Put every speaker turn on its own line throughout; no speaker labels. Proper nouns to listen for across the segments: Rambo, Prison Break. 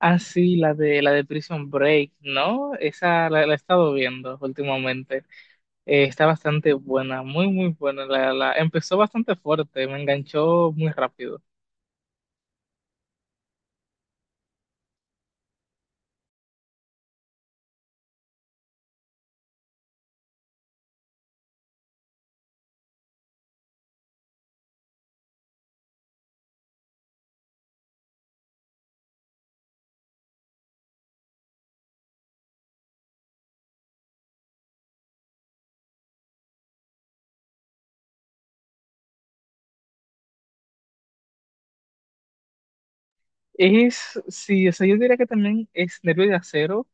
Ah, sí, la de Prison Break, ¿no? Esa la he estado viendo últimamente. Está bastante buena, muy, muy buena. Empezó bastante fuerte, me enganchó muy rápido. Sí, o sea, yo diría que también es Nervio de Acero,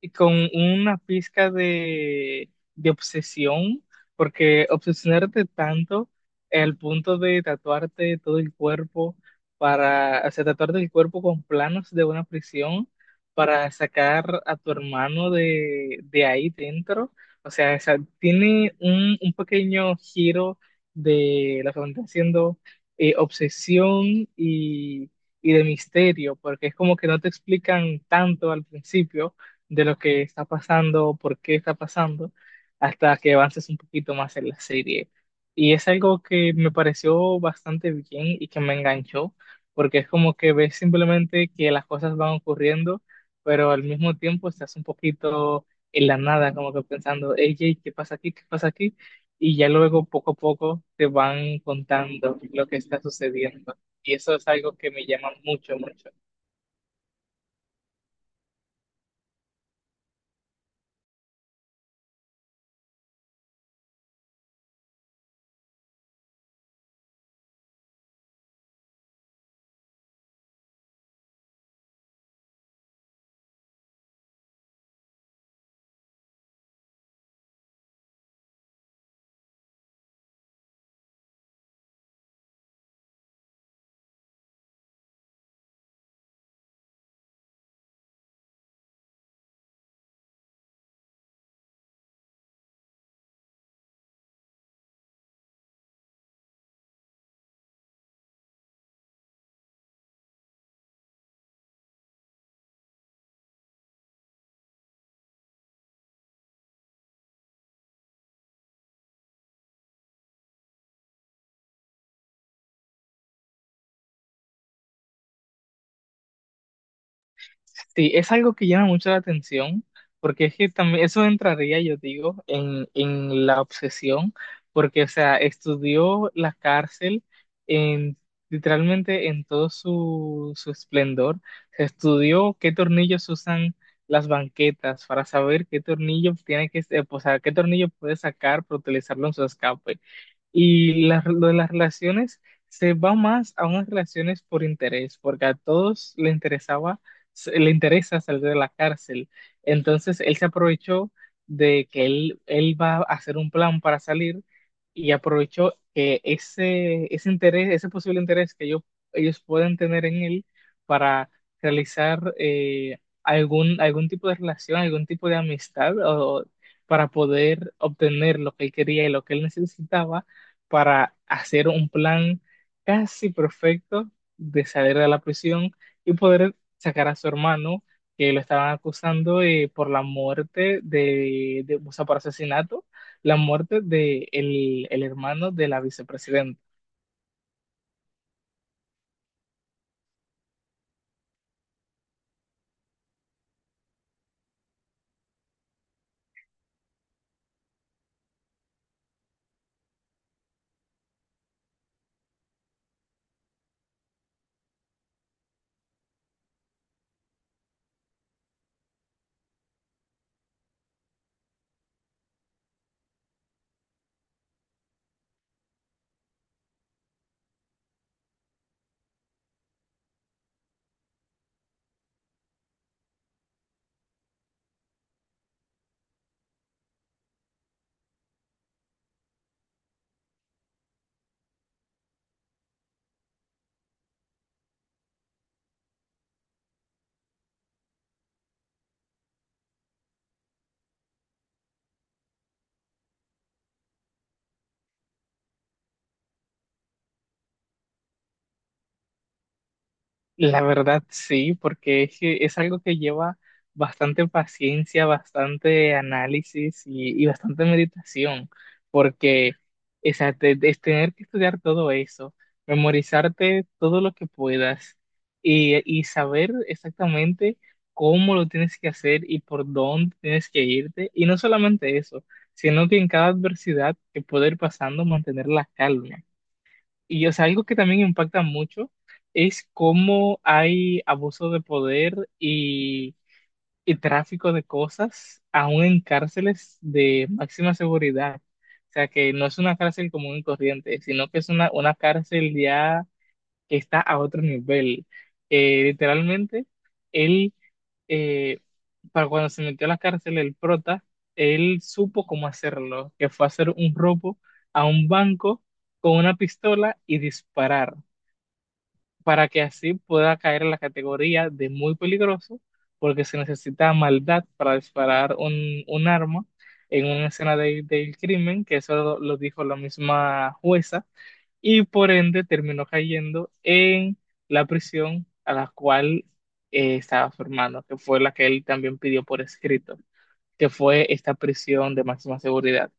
y con una pizca de obsesión, porque obsesionarte tanto al punto de tatuarte todo el cuerpo para, o sea, tatuarte el cuerpo con planos de una prisión para sacar a tu hermano de ahí dentro. O sea, tiene un pequeño giro de lo que van haciendo, obsesión y, y de misterio, porque es como que no te explican tanto al principio de lo que está pasando, por qué está pasando, hasta que avances un poquito más en la serie. Y es algo que me pareció bastante bien y que me enganchó, porque es como que ves simplemente que las cosas van ocurriendo, pero al mismo tiempo estás un poquito en la nada, como que pensando, hey, ¿qué pasa aquí? ¿Qué pasa aquí? Y ya luego poco a poco te van contando lo que está sucediendo. Y eso es algo que me llama mucho, mucho. Sí, es algo que llama mucho la atención, porque es que también eso entraría, yo digo, en la obsesión, porque, o sea, estudió la cárcel en, literalmente en todo su, su esplendor. Se estudió qué tornillos usan las banquetas para saber qué tornillo tiene que, o sea, qué tornillo puede sacar para utilizarlo en su escape. Y lo de las relaciones se va más a unas relaciones por interés, porque a todos le interesaba le interesa salir de la cárcel. Entonces él se aprovechó de que él va a hacer un plan para salir y aprovechó que ese interés, ese posible interés que ellos pueden tener en él para realizar algún, algún tipo de relación, algún tipo de amistad o para poder obtener lo que él quería y lo que él necesitaba para hacer un plan casi perfecto de salir de la prisión y poder sacar a su hermano, que lo estaban acusando por la muerte o sea, por asesinato, la muerte de el hermano de la vicepresidenta. La verdad sí, porque que es algo que lleva bastante paciencia, bastante análisis y bastante meditación, porque o sea, es tener que estudiar todo eso, memorizarte todo lo que puedas y saber exactamente cómo lo tienes que hacer y por dónde tienes que irte. Y no solamente eso, sino que en cada adversidad que puede ir pasando, mantener la calma. Y o sea, algo que también impacta mucho es cómo hay abuso de poder y tráfico de cosas, aún en cárceles de máxima seguridad. O sea, que no es una cárcel común y corriente, sino que es una cárcel ya que está a otro nivel. Literalmente, él, eh, para cuando se metió a la cárcel, el prota, él supo cómo hacerlo, que fue hacer un robo a un banco con una pistola y disparar para que así pueda caer en la categoría de muy peligroso, porque se necesita maldad para disparar un arma en una escena del crimen, que eso lo dijo la misma jueza, y por ende terminó cayendo en la prisión a la cual estaba su hermano, que fue la que él también pidió por escrito, que fue esta prisión de máxima seguridad.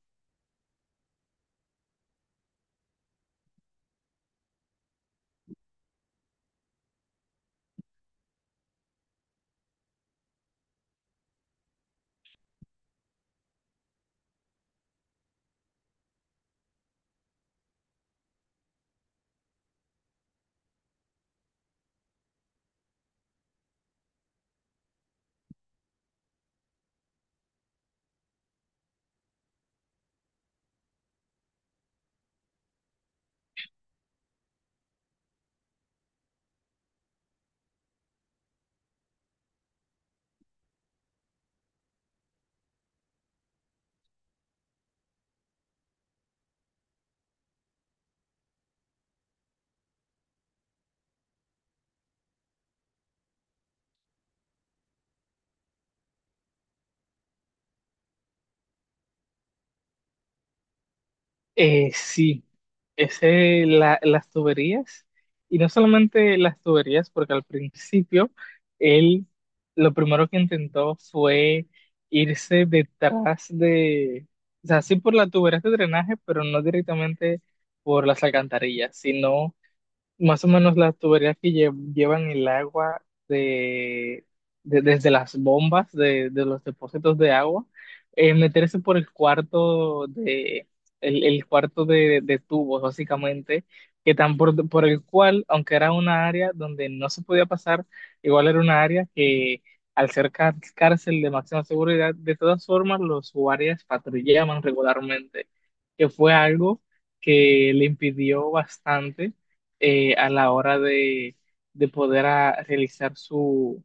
Sí. Las tuberías, y no solamente las tuberías, porque al principio él lo primero que intentó fue irse detrás o sea, sí por las tuberías de drenaje, pero no directamente por las alcantarillas, sino más o menos las tuberías que llevan el agua desde las bombas de los depósitos de agua, meterse por el cuarto de el cuarto de tubos, básicamente, que tan por el cual, aunque era una área donde no se podía pasar, igual era una área que al ser cárcel de máxima seguridad, de todas formas los guardias patrullaban regularmente, que fue algo que le impidió bastante a la hora de poder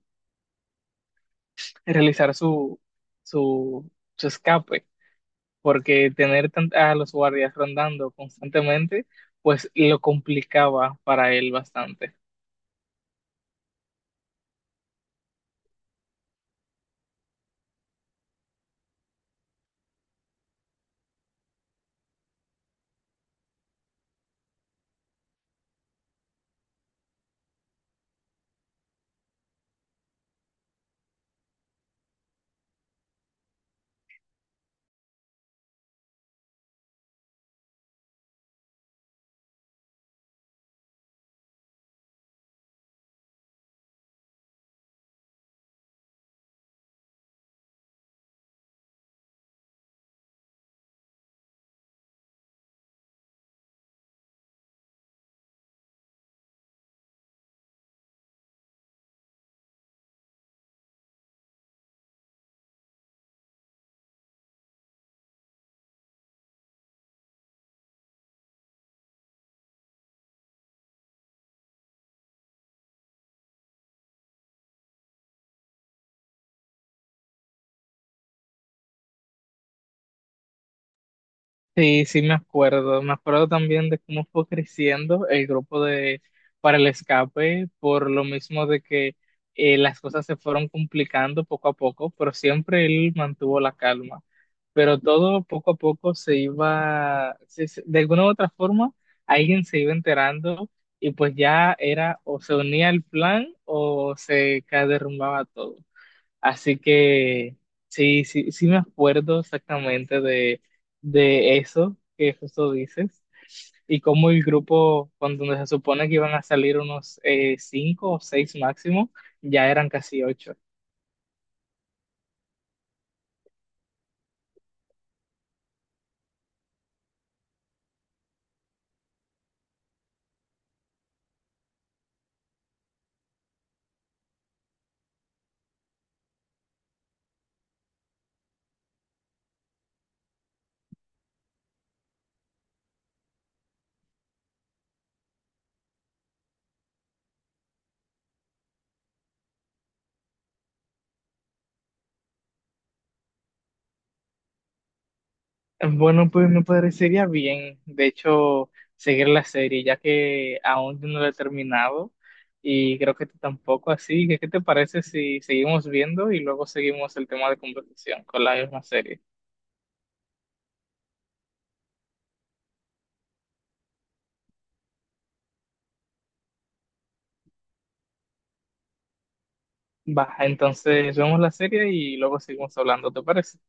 realizar su, su, su escape, porque tener a los guardias rondando constantemente, pues lo complicaba para él bastante. Sí, sí me acuerdo. Me acuerdo también de cómo fue creciendo el grupo de para el escape, por lo mismo de que las cosas se fueron complicando poco a poco, pero siempre él mantuvo la calma. Pero todo poco a poco se iba, de alguna u otra forma, alguien se iba enterando y pues ya era o se unía al plan o se derrumbaba todo. Así que sí, sí, sí me acuerdo exactamente de eso que justo dices y cómo el grupo, cuando se supone que iban a salir unos 5 o 6 máximo, ya eran casi 8. Bueno, pues me parecería bien, de hecho, seguir la serie, ya que aún yo no la he terminado y creo que tú tampoco, así que ¿qué te parece si seguimos viendo y luego seguimos el tema de conversación con la misma serie? Va, entonces vemos la serie y luego seguimos hablando, ¿te parece?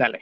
Dale.